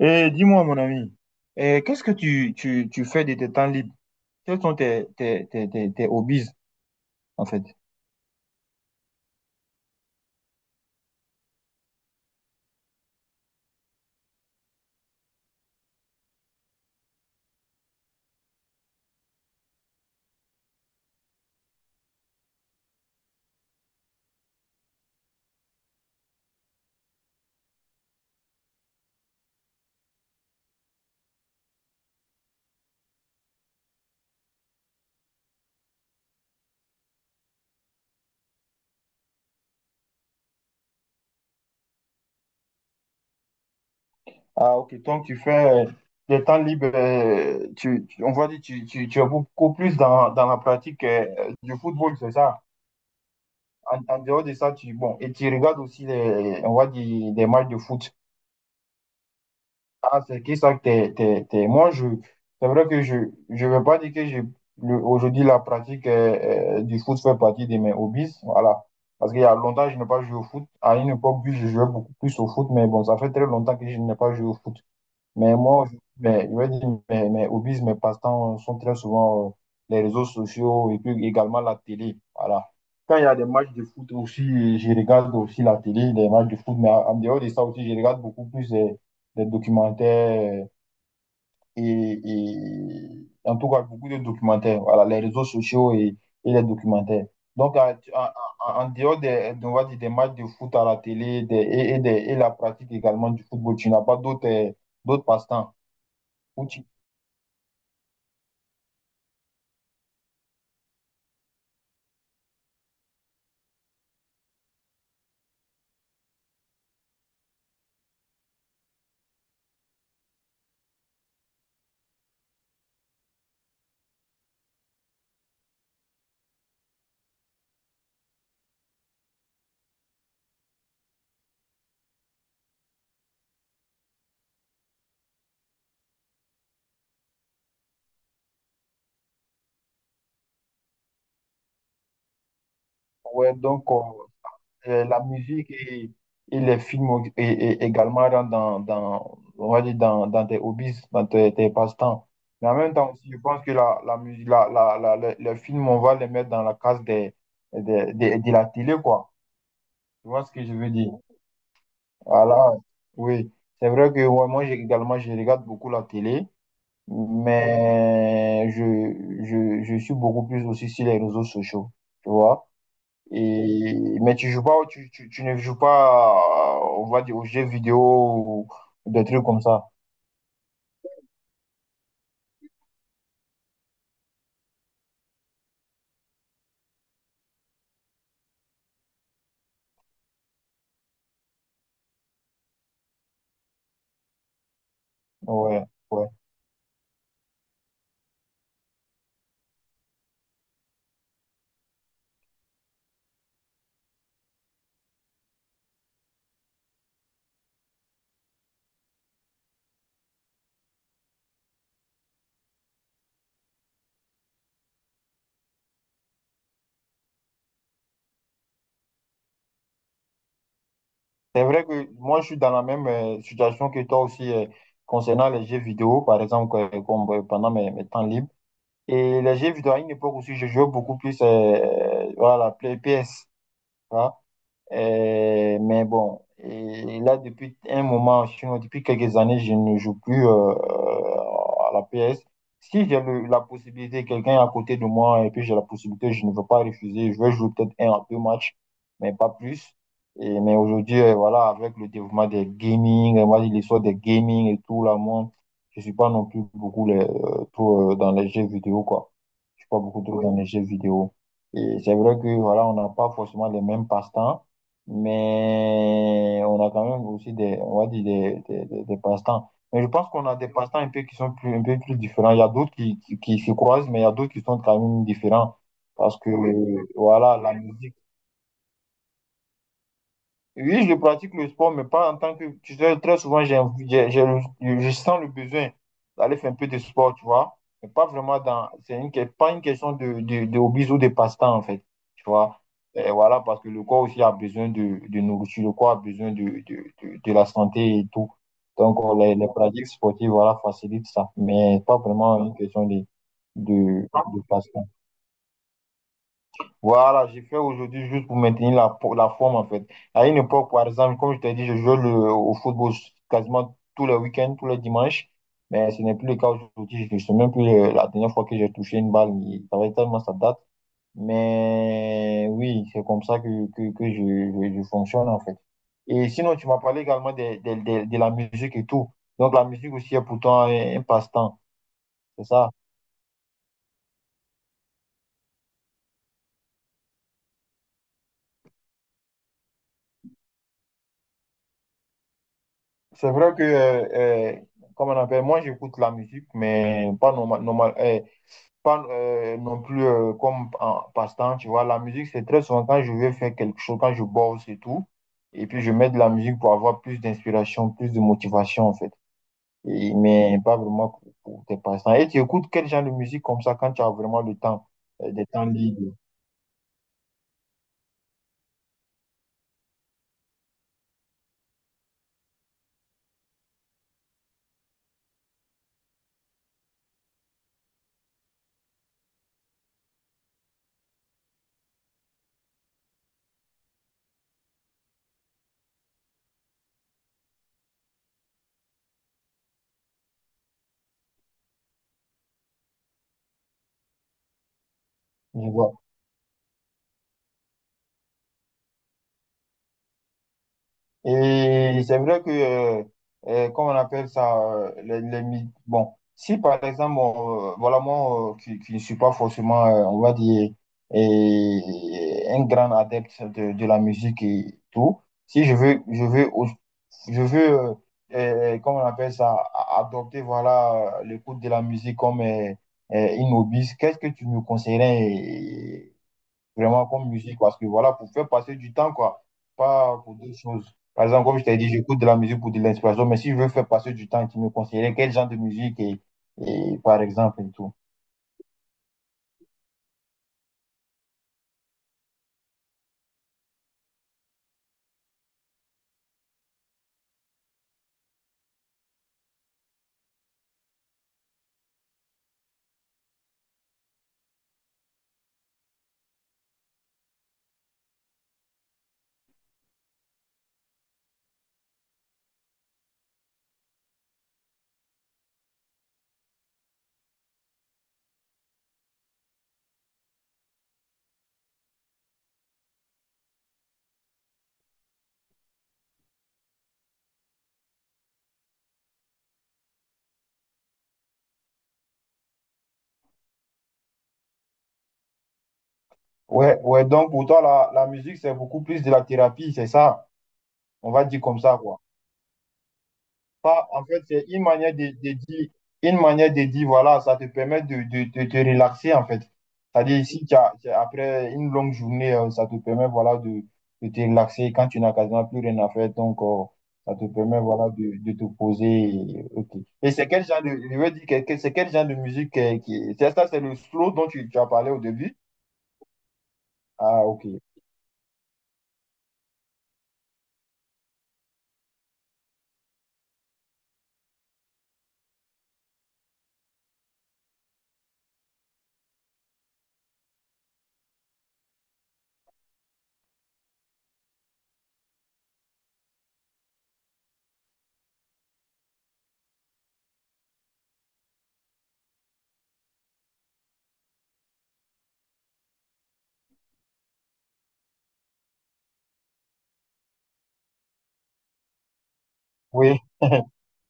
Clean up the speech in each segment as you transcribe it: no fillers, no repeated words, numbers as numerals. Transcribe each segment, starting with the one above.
Et dis-moi, mon ami, qu'est-ce que tu fais de tes temps libres? Quels sont tes hobbies, en fait? Ah, ok, donc tu fais des temps libres, on va dire, tu es beaucoup plus dans la pratique du football, c'est ça? En dehors de ça, bon, et tu regardes aussi, les, on va dire, des matchs de foot. Ah, c'est qui ça que Moi, c'est vrai que je veux pas dire que aujourd'hui, la pratique du foot fait partie de mes hobbies. Voilà. Parce qu'il y a longtemps, je n'ai pas joué au foot. À une époque, oui, je jouais beaucoup plus au foot, mais bon, ça fait très longtemps que je n'ai pas joué au foot. Mais moi, je veux dire, mes hobbies, mes passe-temps sont très souvent les réseaux sociaux et puis également la télé. Voilà. Quand il y a des matchs de foot aussi, je regarde aussi la télé, des matchs de foot, mais en dehors de ça aussi, je regarde beaucoup plus des documentaires et en tout cas beaucoup de documentaires. Voilà, les réseaux sociaux et les documentaires. Donc, en dehors des, on va dire, des matchs de foot à la télé et la pratique également du football, tu n'as pas d'autres d'autres passe-temps. Outil. Ouais, donc la musique et les films et également rentrent dans, on va dire, dans tes hobbies, dans tes passe-temps. Mais en même temps aussi, je pense que la musique, les films, on va les mettre dans la case de la télé, quoi. Tu vois ce que je veux dire? Voilà, oui. C'est vrai que ouais, moi également, je regarde beaucoup la télé, mais je suis beaucoup plus aussi sur les réseaux sociaux. Tu vois? Mais tu joues pas, tu ne joues pas, on va dire, aux jeux vidéo ou des trucs comme ça. Ouais, ouais. C'est vrai que moi, je suis dans la même situation que toi aussi concernant les jeux vidéo, par exemple, comme, pendant mes temps libres. Et les jeux vidéo, à une époque aussi, je jouais beaucoup plus voilà, Play PS. Tu vois. Mais bon, et là, depuis un moment, depuis quelques années, je ne joue plus à la PS. Si j'ai la possibilité, quelqu'un est à côté de moi et puis j'ai la possibilité, je ne veux pas refuser. Je vais jouer peut-être un à deux matchs, mais pas plus. Mais aujourd'hui, voilà, avec le développement des gaming, moi, l'histoire des gaming et tout, là, moi, je suis pas non plus beaucoup les, trop, dans les jeux vidéo, quoi. Je suis pas beaucoup trop dans, oui, les jeux vidéo. Et c'est vrai que, voilà, on n'a pas forcément les mêmes passe-temps. Mais on a quand même aussi des, on va dire des passe-temps. Mais je pense qu'on a des passe-temps un peu qui sont plus, un peu plus différents. Il y a d'autres qui se croisent, mais il y a d'autres qui sont quand même différents. Parce que, oui, voilà, la musique. Oui, je pratique le sport, mais pas en tant que. Tu sais, très souvent, j'ai, envie- j'ai le- je sens le besoin d'aller faire un peu de sport, tu vois. Mais pas vraiment dans. C'est pas une question de hobbies ou de passe-temps, en fait. Tu vois. Et voilà, parce que le corps aussi a besoin de nourriture, le corps a besoin de la santé et tout. Donc, les pratiques sportives, voilà, facilitent ça. Mais pas vraiment une question. De, de, de passe voilà, j'ai fait aujourd'hui juste pour maintenir la forme en fait. À une époque, par exemple, comme je t'ai dit, je jouais au football quasiment tous les week-ends, tous les dimanches. Mais ce n'est plus le cas aujourd'hui. Je ne sais même plus la dernière fois que j'ai touché une balle. Ça fait tellement ça date. Mais oui, c'est comme ça que je fonctionne en fait. Et sinon, tu m'as parlé également de la musique et tout. Donc la musique aussi est pourtant un passe-temps, c'est ça? C'est vrai que, euh, comme on appelle, moi j'écoute la musique, mais pas, pas non plus comme en passe-temps, tu vois. La musique, c'est très souvent quand je veux faire quelque chose, quand je bosse et tout. Et puis je mets de la musique pour avoir plus d'inspiration, plus de motivation en fait. Mais pas vraiment pour, tes passe-temps. Et tu écoutes quel genre de musique comme ça quand tu as vraiment le temps, des temps libres, tu vois. Et c'est vrai que, comment on appelle ça, bon, si par exemple, voilà, moi, qui ne suis pas forcément, on va dire, un grand adepte de la musique et tout, si je veux, je veux, comment on appelle ça, adopter, voilà, l'écoute de la musique comme une hobby, qu'est-ce que tu me conseillerais vraiment comme musique parce que voilà, pour faire passer du temps, quoi, pas pour d'autres choses. Par exemple, comme je t'ai dit, j'écoute de la musique pour de l'inspiration, mais si je veux faire passer du temps, tu me conseillerais quel genre de musique et par exemple et tout. Ouais, ouais, donc pour toi, la musique, c'est beaucoup plus de la thérapie, c'est ça. On va dire comme ça, quoi. Ça, en fait, c'est une manière de dire, voilà, ça te permet de te relaxer, en fait. C'est-à-dire ici, après une longue journée, ça te permet, voilà, de te relaxer quand tu n'as quasiment plus rien à faire. Donc, ça te permet, voilà, de te poser. Ok. Et c'est quel genre de, je veux dire, c'est quel genre de musique qui, c'est ça, c'est le slow dont tu as parlé au début? Ah, ok. Oui.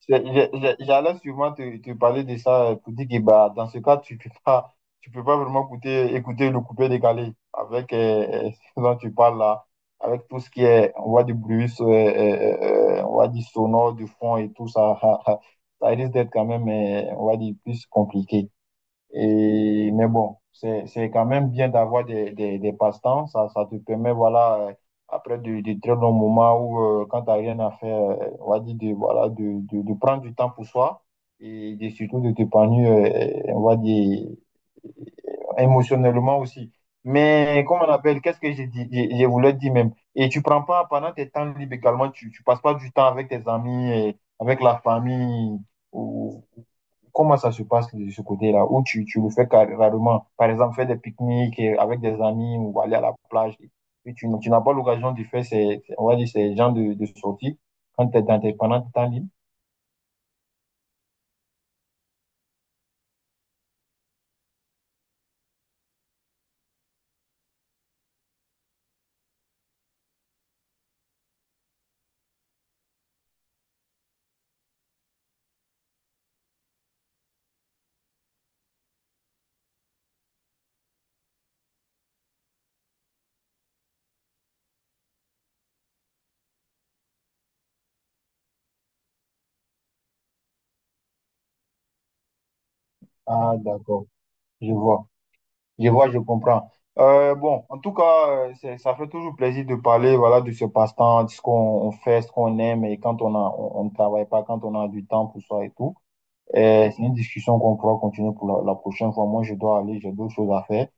J'allais sûrement te parler de ça pour dire que bah, dans ce cas, tu peux pas vraiment écouter le coupé décalé avec ce dont tu parles là, avec tout ce qui est, on voit du bruit, on voit du sonore, du fond et tout ça. Ça risque d'être quand même, on va dire, plus compliqué. Mais bon, c'est quand même bien d'avoir des passe-temps. Ça te permet, voilà, après de très longs moments où, quand tu rien à faire, on va dire de, voilà, de prendre du temps pour soi et surtout de t'épanouir, on va dire, euh, émotionnellement aussi. Mais comment on appelle, qu'est-ce que j'ai dit, je voulais dire même. Et tu prends pas, pendant tes temps libres également, tu passes pas du temps avec tes amis, et avec la famille, ou comment ça se passe de ce côté-là, où tu le fais rarement? Par exemple, faire des pique-niques avec des amis ou aller à la plage. Et tu n'as pas l'occasion de faire ces, on va dire, ces genres de sorties quand tu es pendant tes temps libres. Ah, d'accord. Je vois. Je vois, je comprends. Bon, en tout cas, ça fait toujours plaisir de parler, voilà, de ce passe-temps, de ce qu'on on fait, ce qu'on aime et quand on a, on ne travaille pas, quand on a du temps pour soi et tout. Et c'est une discussion qu'on pourra continuer pour la prochaine fois. Moi, je dois aller, j'ai d'autres choses à faire.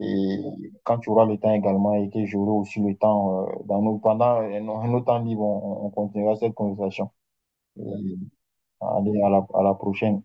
Et quand tu auras le temps également et que j'aurai aussi le temps, pendant un autre temps libre, on continuera cette conversation. Et allez, à la prochaine.